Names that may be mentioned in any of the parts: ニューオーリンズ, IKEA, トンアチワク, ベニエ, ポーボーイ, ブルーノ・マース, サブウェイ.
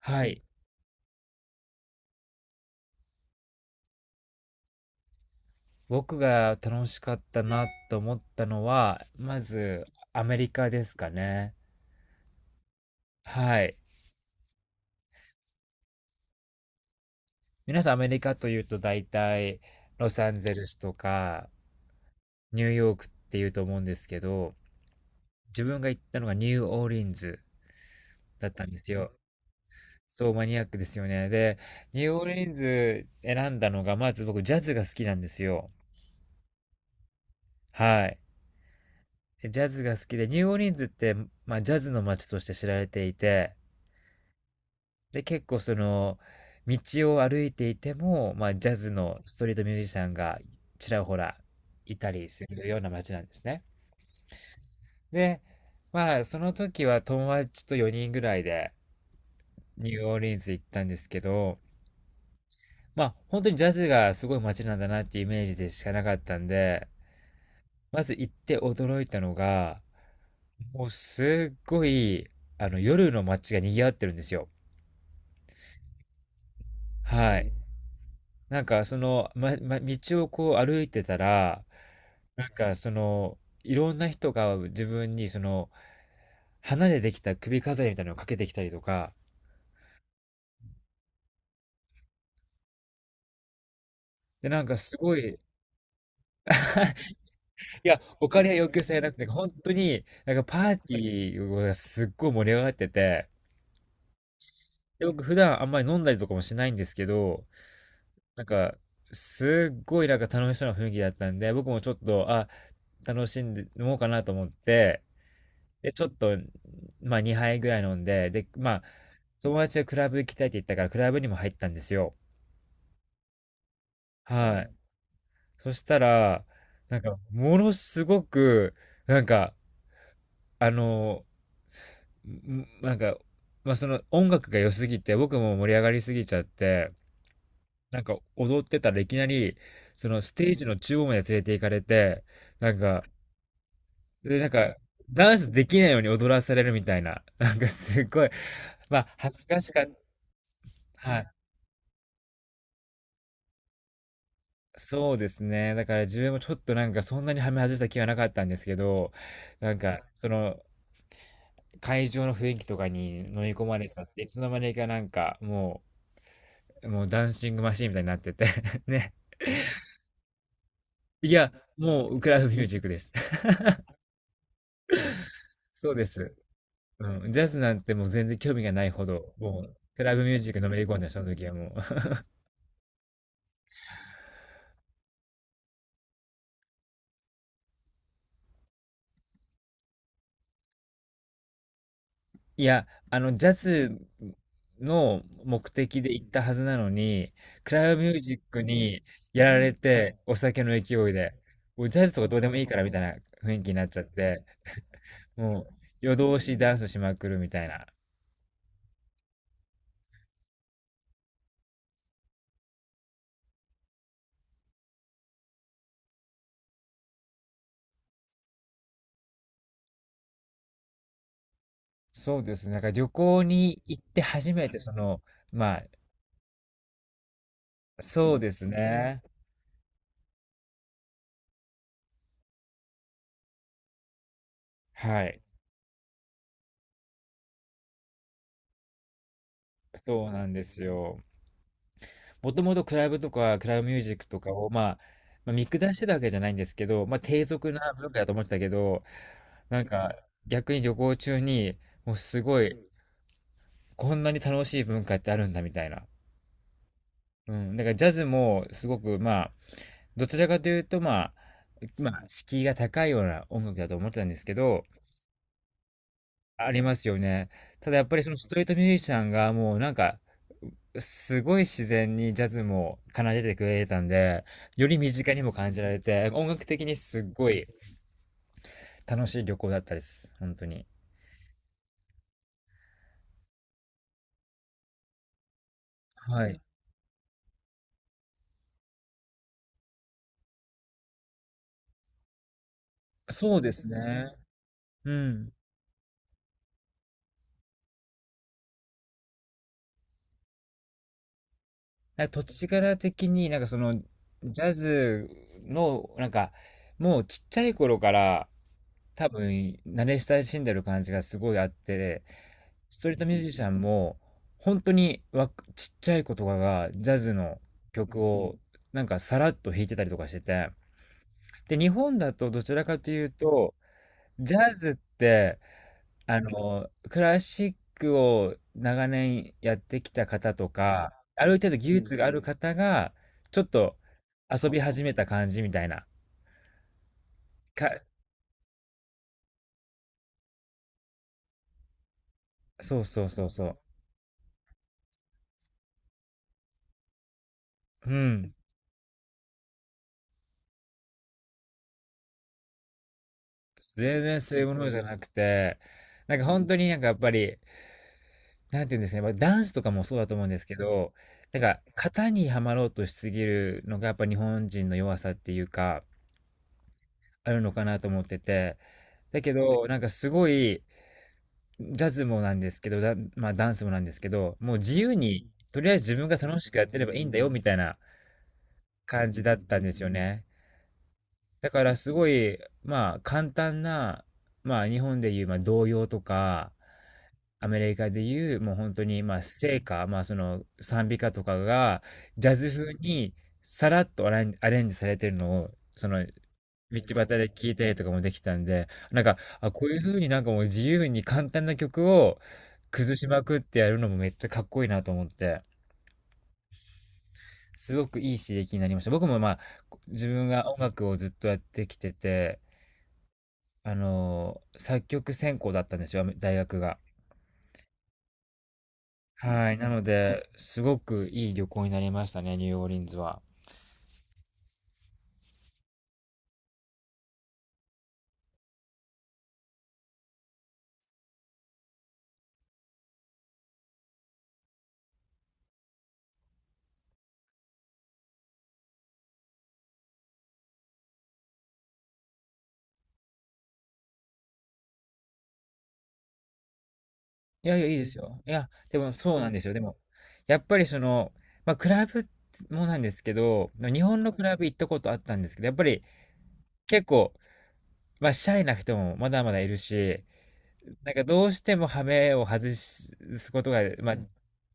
はい。僕が楽しかったなと思ったのは、まずアメリカですかね。はい。皆さんアメリカというと大体ロサンゼルスとかニューヨークっていうと思うんですけど、自分が行ったのがニューオーリンズだったんですよ。そう、マニアックですよね。で、ニューオーリンズ選んだのが、まず僕ジャズが好きなんですよ。はい。でジャズが好きで、ニューオーリンズって、まあ、ジャズの街として知られていて、で、結構道を歩いていても、まあ、ジャズのストリートミュージシャンがちらほらいたりするような街なんですね。で、まあ、その時は友達と4人ぐらいでニューオーリンズ行ったんですけど、まあ、本当にジャズがすごい街なんだなっていうイメージでしかなかったんで、まず行って驚いたのが、もうすっごい、夜の街が賑わってるんですよ。はい。道をこう歩いてたら、なんかその、いろんな人が自分に花でできた首飾りみたいなのをかけてきたりとか、で、なんかすごい、いや、お金は要求されなくて、本当に、なんかパーティーがすっごい盛り上がってて、で、僕普段あんまり飲んだりとかもしないんですけど、なんか、すっごいなんか楽しそうな雰囲気だったんで、僕もちょっと、楽しんで飲もうかなと思って、で、ちょっと、まあ2杯ぐらい飲んで、で、まあ、友達がクラブ行きたいって言ったから、クラブにも入ったんですよ。はい。そしたら、ものすごく、なんか、あの、んなんか、まあその音楽が良すぎて、僕も盛り上がりすぎちゃって、なんか踊ってたらいきなり、そのステージの中央まで連れて行かれて、なんか、で、なんか、ダンスできないように踊らされるみたいな、なんかすごい、まあ、恥ずかしかった。そうですね。だから自分もちょっとなんかそんなにはめ外した気はなかったんですけど、なんかその会場の雰囲気とかに飲み込まれちゃって、いつの間にかなんかもう、もうダンシングマシーンみたいになってて ね。いや、もうクラブミュージックです。そうです。うん。ジャズなんてもう全然興味がないほど、もうクラブミュージックのめり込んだ、その時はもう。いや、ジャズの目的で行ったはずなのに、クラブミュージックにやられて、お酒の勢いで、もうジャズとかどうでもいいからみたいな雰囲気になっちゃって、もう夜通しダンスしまくるみたいな。そうですね。なんか旅行に行って初めて、まあ、そうですね。はい。そうなんですよ。もともとクラブとかクラブミュージックとかを、まあ、見下してたわけじゃないんですけど、まあ、低俗な文化だと思ってたけど、なんか逆に旅行中に、もうすごい、こんなに楽しい文化ってあるんだみたいな。うん。だからジャズもすごく、まあ、どちらかというと、まあ、敷居が高いような音楽だと思ってたんですけど、ありますよね。ただやっぱりそのストリートミュージシャンがもうなんか、すごい自然にジャズも奏でてくれてたんで、より身近にも感じられて、音楽的にすっごい楽しい旅行だったです。本当に。はい。そうですね。うん。なんか土地柄的にジャズのもうちっちゃい頃から多分慣れ親しんでる感じがすごいあって、ストリートミュージシャンも本当にわちっちゃい子とかがジャズの曲をなんかさらっと弾いてたりとかしてて、で日本だとどちらかというとジャズってクラシックを長年やってきた方とかある程度技術がある方がちょっと遊び始めた感じみたいなか、そうそうそうそう。うん、全然そういうものじゃなくて、なんか本当になんかやっぱりなんていうんですかね、ま、ダンスとかもそうだと思うんですけど、なんか型にはまろうとしすぎるのがやっぱ日本人の弱さっていうか、あるのかなと思ってて。だけど、なんかすごい、ジャズもなんですけど、まあ、ダンスもなんですけど、もう自由に、とりあえず自分が楽しくやってればいいんだよみたいな感じだったんですよね。だからすごい、まあ簡単な、まあ日本でいう、まあ童謡とか、アメリカでいうもう本当にまあ聖歌、まあその賛美歌とかがジャズ風にさらっとアレンジされてるのをその道端で聞いたりとかもできたんで、なんか、こういう風になんかもう自由に簡単な曲を崩しまくってやるのもめっちゃかっこいいなと思って、すごくいい刺激になりました。僕もまあ、自分が音楽をずっとやってきてて、作曲専攻だったんですよ、大学が。はい。なので、すごくいい旅行になりましたね、ニューオーリンズは。いやいや、いいですよ。いや、でもそうなんですよ。でも、やっぱりその、まあ、クラブもなんですけど、日本のクラブ行ったことあったんですけど、やっぱり結構、まあ、シャイな人もまだまだいるし、なんかどうしてもハメを外すことが、まあ、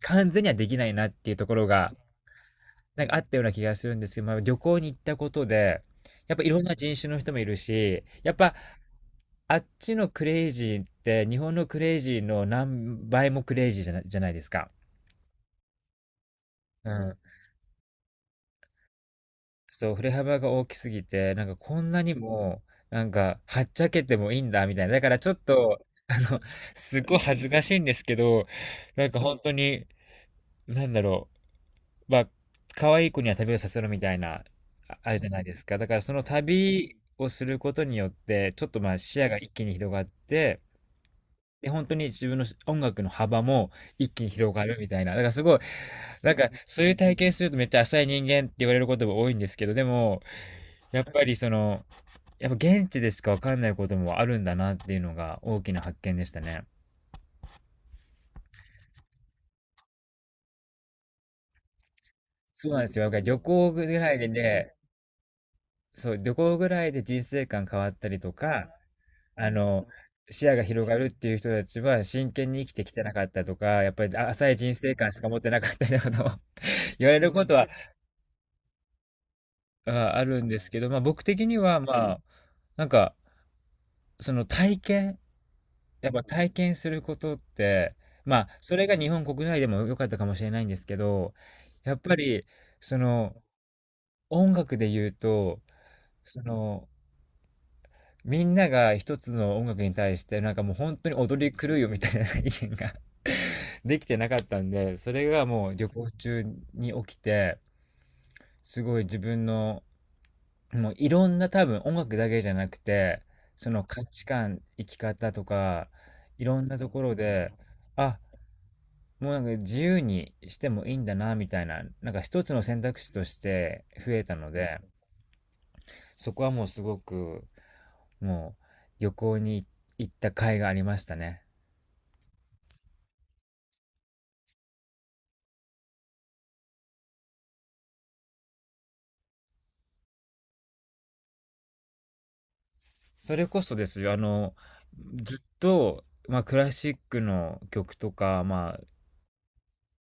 完全にはできないなっていうところが、なんかあったような気がするんですけど、まあ、旅行に行ったことで、やっぱいろんな人種の人もいるし、やっぱあっちのクレイジーって日本のクレイジーの何倍もクレイジーじゃないですか。うん。そう、振れ幅が大きすぎて、なんかこんなにも、なんかはっちゃけてもいいんだみたいな。だからちょっと、すごい恥ずかしいんですけど、なんか本当に、なんだろ、まあ、可愛い子には旅をさせろみたいな、あるじゃないですか。だからその旅をすることによって、ちょっとまあ視野が一気に広がって、で、本当に自分の音楽の幅も一気に広がるみたいな。だからすごい、なんかそういう体験するとめっちゃ浅い人間って言われることが多いんですけど、でも、やっぱりその、やっぱ現地でしかわかんないこともあるんだなっていうのが大きな発見でしたね。そうなんですよ。だから旅行ぐらいでね、そう、旅行ぐらいで人生観変わったりとか、あの、視野が広がるっていう人たちは真剣に生きてきてなかったとか、やっぱり浅い人生観しか持ってなかったようなことを 言われることはああるんですけど、まあ僕的にはまあ、なんかその体験、やっぱ体験することって、まあそれが日本国内でも良かったかもしれないんですけど、やっぱりその音楽で言うと、そのみんなが一つの音楽に対してなんかもう本当に踊り狂うよみたいな意見が できてなかったんで、それがもう旅行中に起きて、すごい自分のもういろんな多分音楽だけじゃなくて、その価値観、生き方とか、いろんなところで、あ、もうなんか自由にしてもいいんだなみたいな、なんか一つの選択肢として増えたので、そこはもうすごくもう旅行に行った甲斐がありましたね。それこそですよ、ずっと、まあ、クラシックの曲とか、まあ、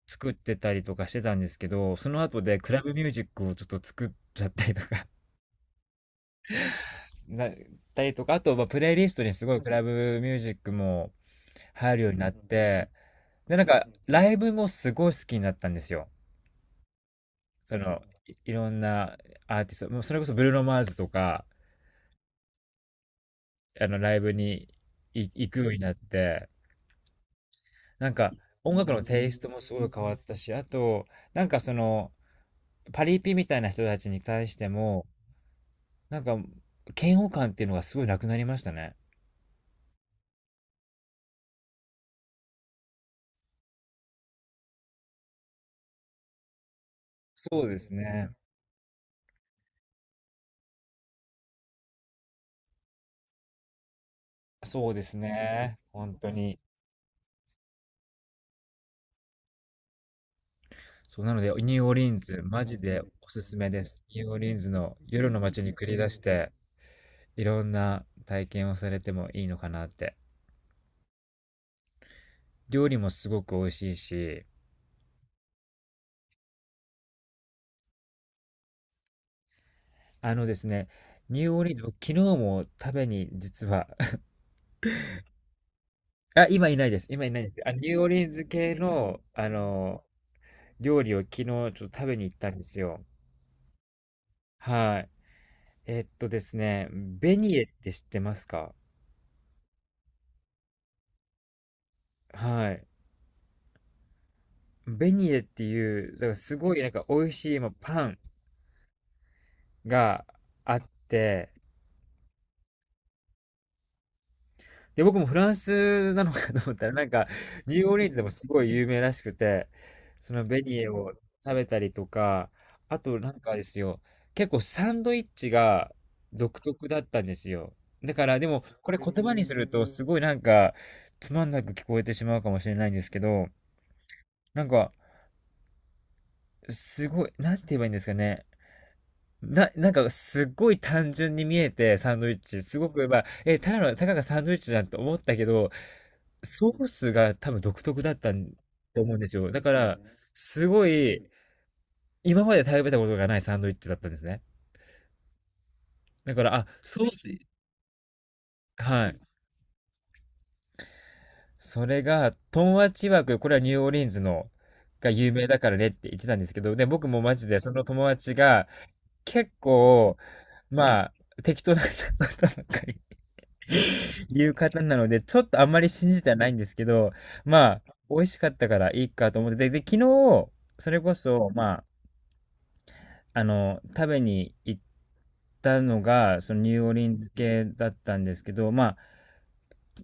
作ってたりとかしてたんですけど、その後でクラブミュージックをちょっと作っちゃったりとか なったりとか、あと、まあ、プレイリストにすごいクラブミュージックも入るようになって、で、なんか、ライブもすごい好きになったんですよ。その、いろんなアーティスト、もうそれこそブルーノ・マーズとか、ライブに行くようになって、なんか音楽のテイストもすごい変わったし、あと、なんかその、パリピみたいな人たちに対しても、なんか、嫌悪感っていうのがすごいなくなりましたね。そうですね。そうですね。本当に。そう、なので、ニューオーリンズ、マジでおすすめです。ニューオーリンズの夜の街に繰り出して、いろんな体験をされてもいいのかなって。料理もすごく美味しいし、あのですね、ニューオーリンズ、僕昨日も食べに実はあ、今いないです。今いないんですけど、あ、ニューオーリンズ系の、料理を昨日ちょっと食べに行ったんですよ。はい。えっとですね、ベニエって知ってますか？はい。ベニエっていう、だからすごいなんか美味しい、まあ、パンがあって、で、僕もフランスなのかと思ったら、なんか、ニューオーリンズでもすごい有名らしくて、そのベニエを食べたりとか、あとなんかですよ、結構サンドイッチが独特だったんですよ。だから、でも、これ言葉にすると、すごいなんか、つまんなく聞こえてしまうかもしれないんですけど、なんか、すごい、なんて言えばいいんですかね。なんかすっごい単純に見えて、サンドイッチ。すごく、まあ、え、ただの、たかがサンドイッチじゃんと思ったけど、ソースが多分独特だったんと思うんですよ。だから、すごい、今まで食べたことがないサンドイッチだったんですね。だから、あ、ソース、はい。それが、トンアチワク、これはニューオーリンズの、が有名だからねって言ってたんですけど、で、僕もマジでその友達が、結構、まあ、適当な方ばっかりいう方なので、ちょっとあんまり信じてはないんですけど、まあ、美味しかったからいいかと思って、で、昨日、それこそ、まあ、食べに行ったのが、そのニューオリンズ系だったんですけど、まあ、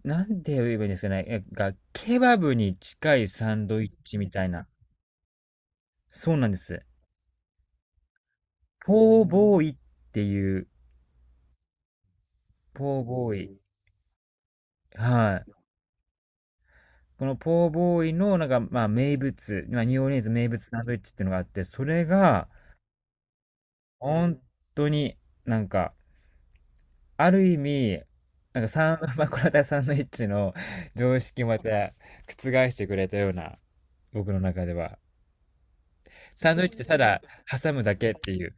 なんて言えばいいんですかね、えが、ケバブに近いサンドイッチみたいな。そうなんです。ポーボーイっていう、ポーボーイ。はい。このポーボーイの、なんか、まあ、名物、まあ、ニューオーリンズ名物サンドイッチっていうのがあって、それが、本当になんか、ある意味、なんかサン、まあ、これまたサンドイッチの常識をまた覆してくれたような、僕の中では。サンドイッチってただ挟むだけっていう。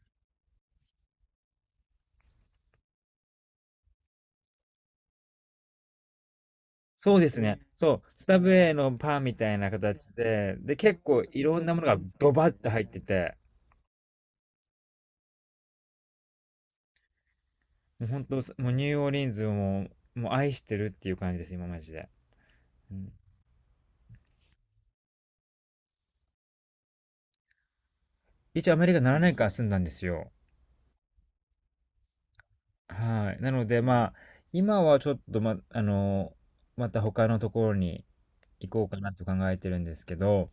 そうですね。そう。スタブウェイのパンみたいな形で、で、結構いろんなものがドバッと入ってて、もう本当、もうニューオーリンズをもう、もう愛してるっていう感じです、今マジで。うん、一応アメリカ7年間住んだんですよ。はい。なので、まあ、今はちょっと、ま、また他のところに行こうかなと考えてるんですけど、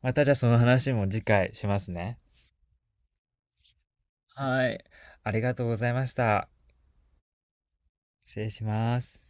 またじゃあその話も次回しますね。はい。ありがとうございました。失礼します。